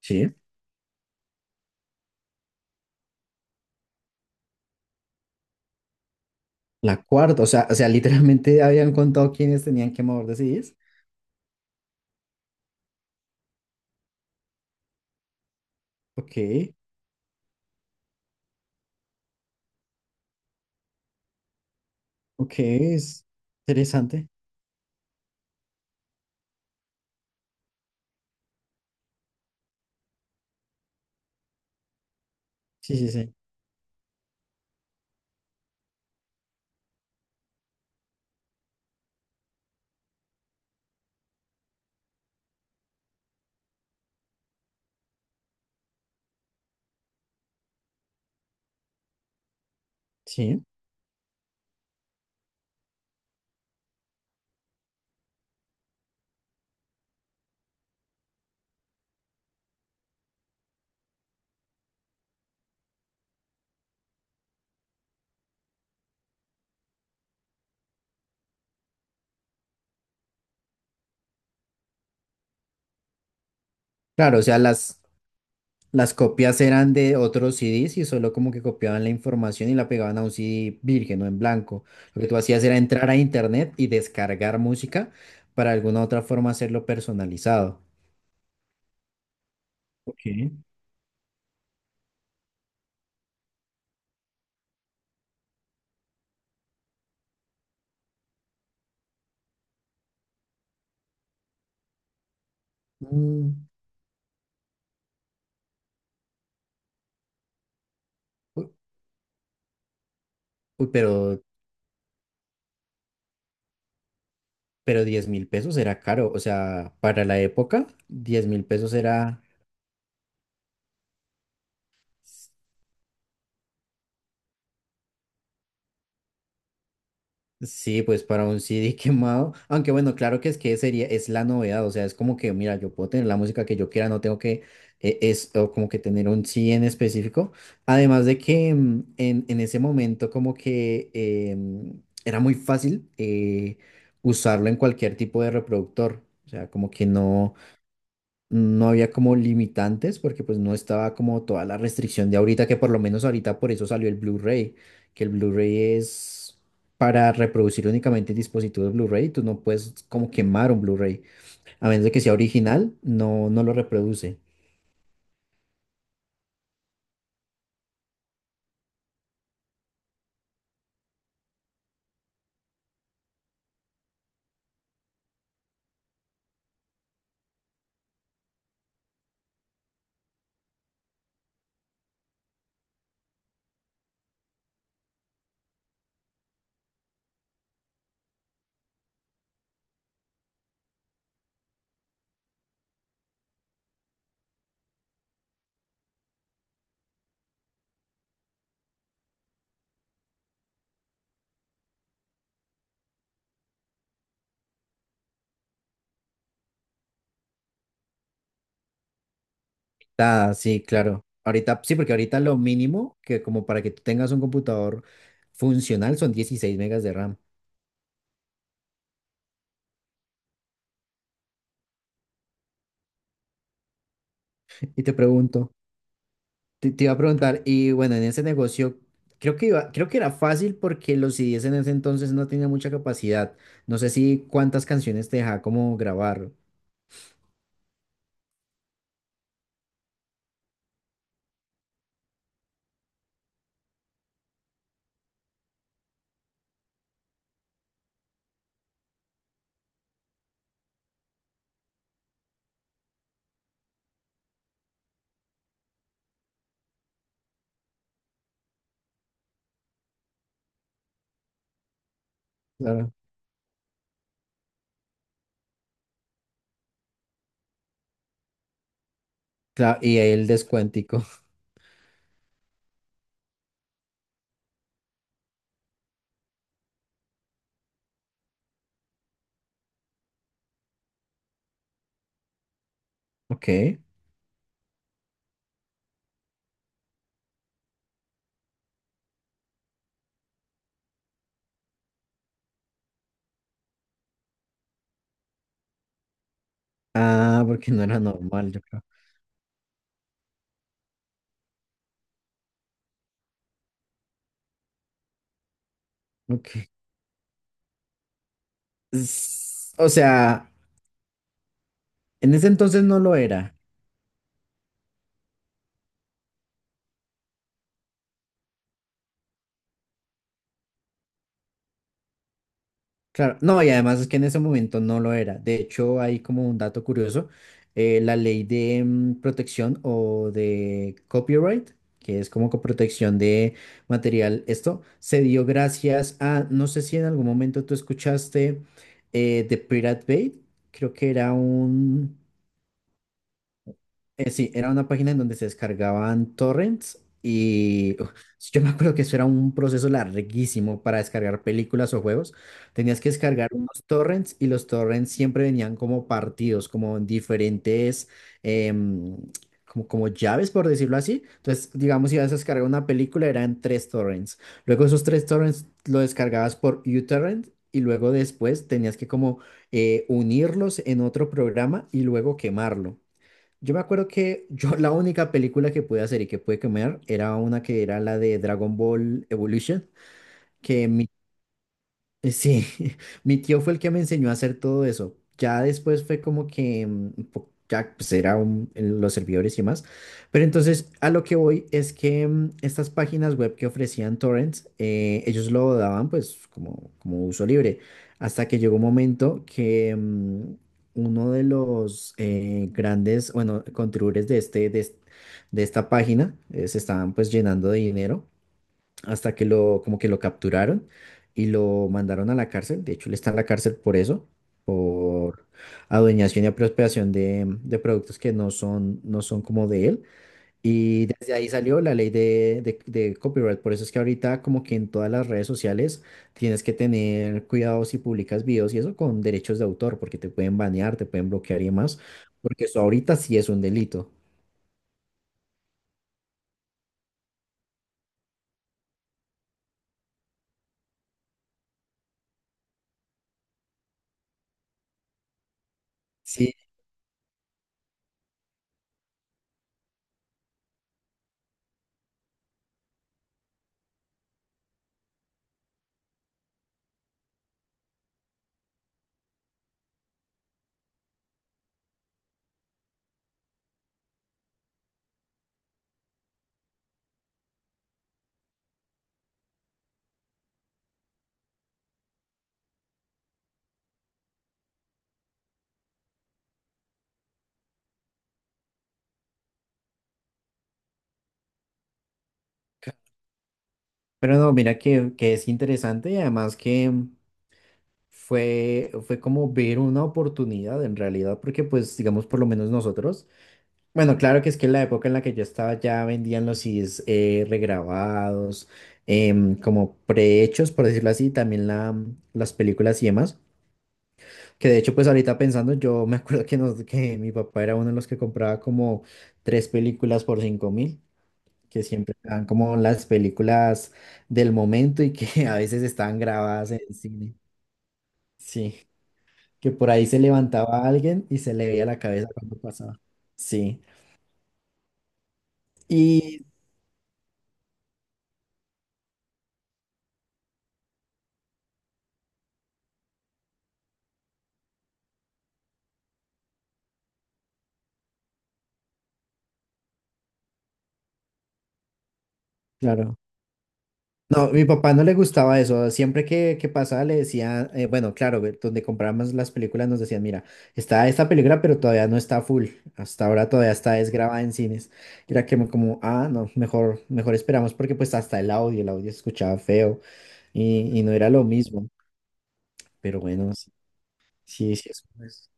Sí. La cuarta, o sea, literalmente habían contado quiénes tenían quemador de CDs. Ok, ok, es interesante. Sí, sí, sí. Sí. Claro, o sea, las copias eran de otros CDs y solo como que copiaban la información y la pegaban a un CD virgen o en blanco. Lo que tú hacías era entrar a internet y descargar música para alguna otra forma hacerlo personalizado. Ok. Mm, u- uy, pero 10.000 pesos era caro. O sea, para la época, 10.000 pesos era. Sí, pues para un CD quemado, aunque bueno, claro que es que sería, es la novedad, o sea, es como que, mira, yo puedo tener la música que yo quiera, no tengo que, es o como que tener un CD en específico, además de que en ese momento como que era muy fácil usarlo en cualquier tipo de reproductor, o sea, como que no había como limitantes porque pues no estaba como toda la restricción de ahorita, que por lo menos ahorita por eso salió el Blu-ray, que el Blu-ray es para reproducir únicamente dispositivos Blu-ray, tú no puedes como quemar un Blu-ray, a menos de que sea original, no, no lo reproduce. Ah, sí, claro. Ahorita, sí, porque ahorita lo mínimo que como para que tú tengas un computador funcional son 16 megas de RAM. Y te pregunto, Te iba a preguntar, y bueno, en ese negocio creo que era fácil porque los CDs en ese entonces no tenían mucha capacidad. No sé si cuántas canciones te dejaba como grabar. Claro. Claro, y ahí el descuentico. Ok. Ah, porque no era normal, yo creo. Ok. O sea, en ese entonces no lo era. Claro, no, y además es que en ese momento no lo era. De hecho, hay como un dato curioso, la ley de protección o de copyright, que es como protección de material. Esto se dio gracias a, no sé si en algún momento tú escuchaste The Pirate Bay. Creo que era un, sí, era una página en donde se descargaban torrents y uf, yo me acuerdo que eso era un proceso larguísimo para descargar películas o juegos. Tenías que descargar unos torrents y los torrents siempre venían como partidos, como en diferentes, em, como llaves, por decirlo así. Entonces, digamos, si ibas a descargar una película, eran tres torrents. Luego esos tres torrents lo descargabas por uTorrent y luego después tenías que como unirlos en otro programa y luego quemarlo. Yo me acuerdo que yo la única película que pude hacer y que pude comer era una que era la de Dragon Ball Evolution, que sí, mi tío fue el que me enseñó a hacer todo eso. Ya después fue como que ya pues era en los servidores y demás. Pero entonces a lo que voy es que estas páginas web que ofrecían torrents, ellos lo daban pues como, uso libre. Hasta que llegó un momento que uno de los grandes, bueno, contribuyentes de este, de, es- de esta página se estaban pues llenando de dinero hasta que como que lo capturaron y lo mandaron a la cárcel. De hecho, él está en la cárcel por eso, por adueñación y apropiación de productos que no son como de él. Y desde ahí salió la ley de copyright. Por eso es que ahorita como que en todas las redes sociales tienes que tener cuidado si publicas videos y eso con derechos de autor, porque te pueden banear, te pueden bloquear y demás, porque eso ahorita sí es un delito. Sí, ca- pero no, mira que es interesante y además que, fue como ver una oportunidad en realidad, porque pues digamos por lo menos nosotros, bueno, claro que es que en la época en la que yo estaba ya vendían los CDs regrabados, como prehechos, por decirlo así, también las películas y demás, que de hecho pues ahorita pensando, yo me acuerdo que mi papá era uno de los que compraba como tres películas por 5.000. Que siempre eran como las películas del momento y que a veces estaban grabadas en cine. Sí, que por ahí se levantaba alguien y se le veía la cabeza cuando pasaba. Sí. Y claro, no, mi papá no le gustaba eso. Siempre que pasaba le decía, bueno, claro, donde comprábamos las películas nos decían, mira, está esta película, pero todavía no está full. Hasta ahora todavía está desgrabada en cines. Y era que como, ah, no, mejor, mejor esperamos porque pues hasta el audio se escuchaba feo y no era lo mismo. Pero bueno, sí, sí, sí, eso es.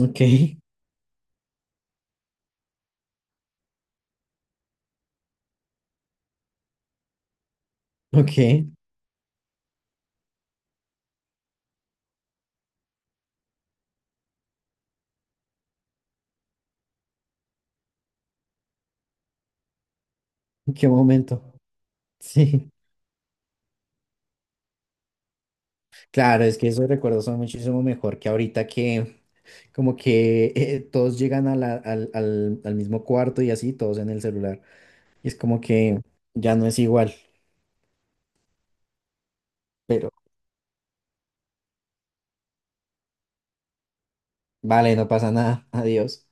Ok, ok, ¿en qué momento? Sí. Claro, es que esos recuerdos son muchísimo mejor que ahorita que como que todos llegan al mismo cuarto y así, todos en el celular. Y es como que ya no es igual, pero vale, no pasa nada, adiós.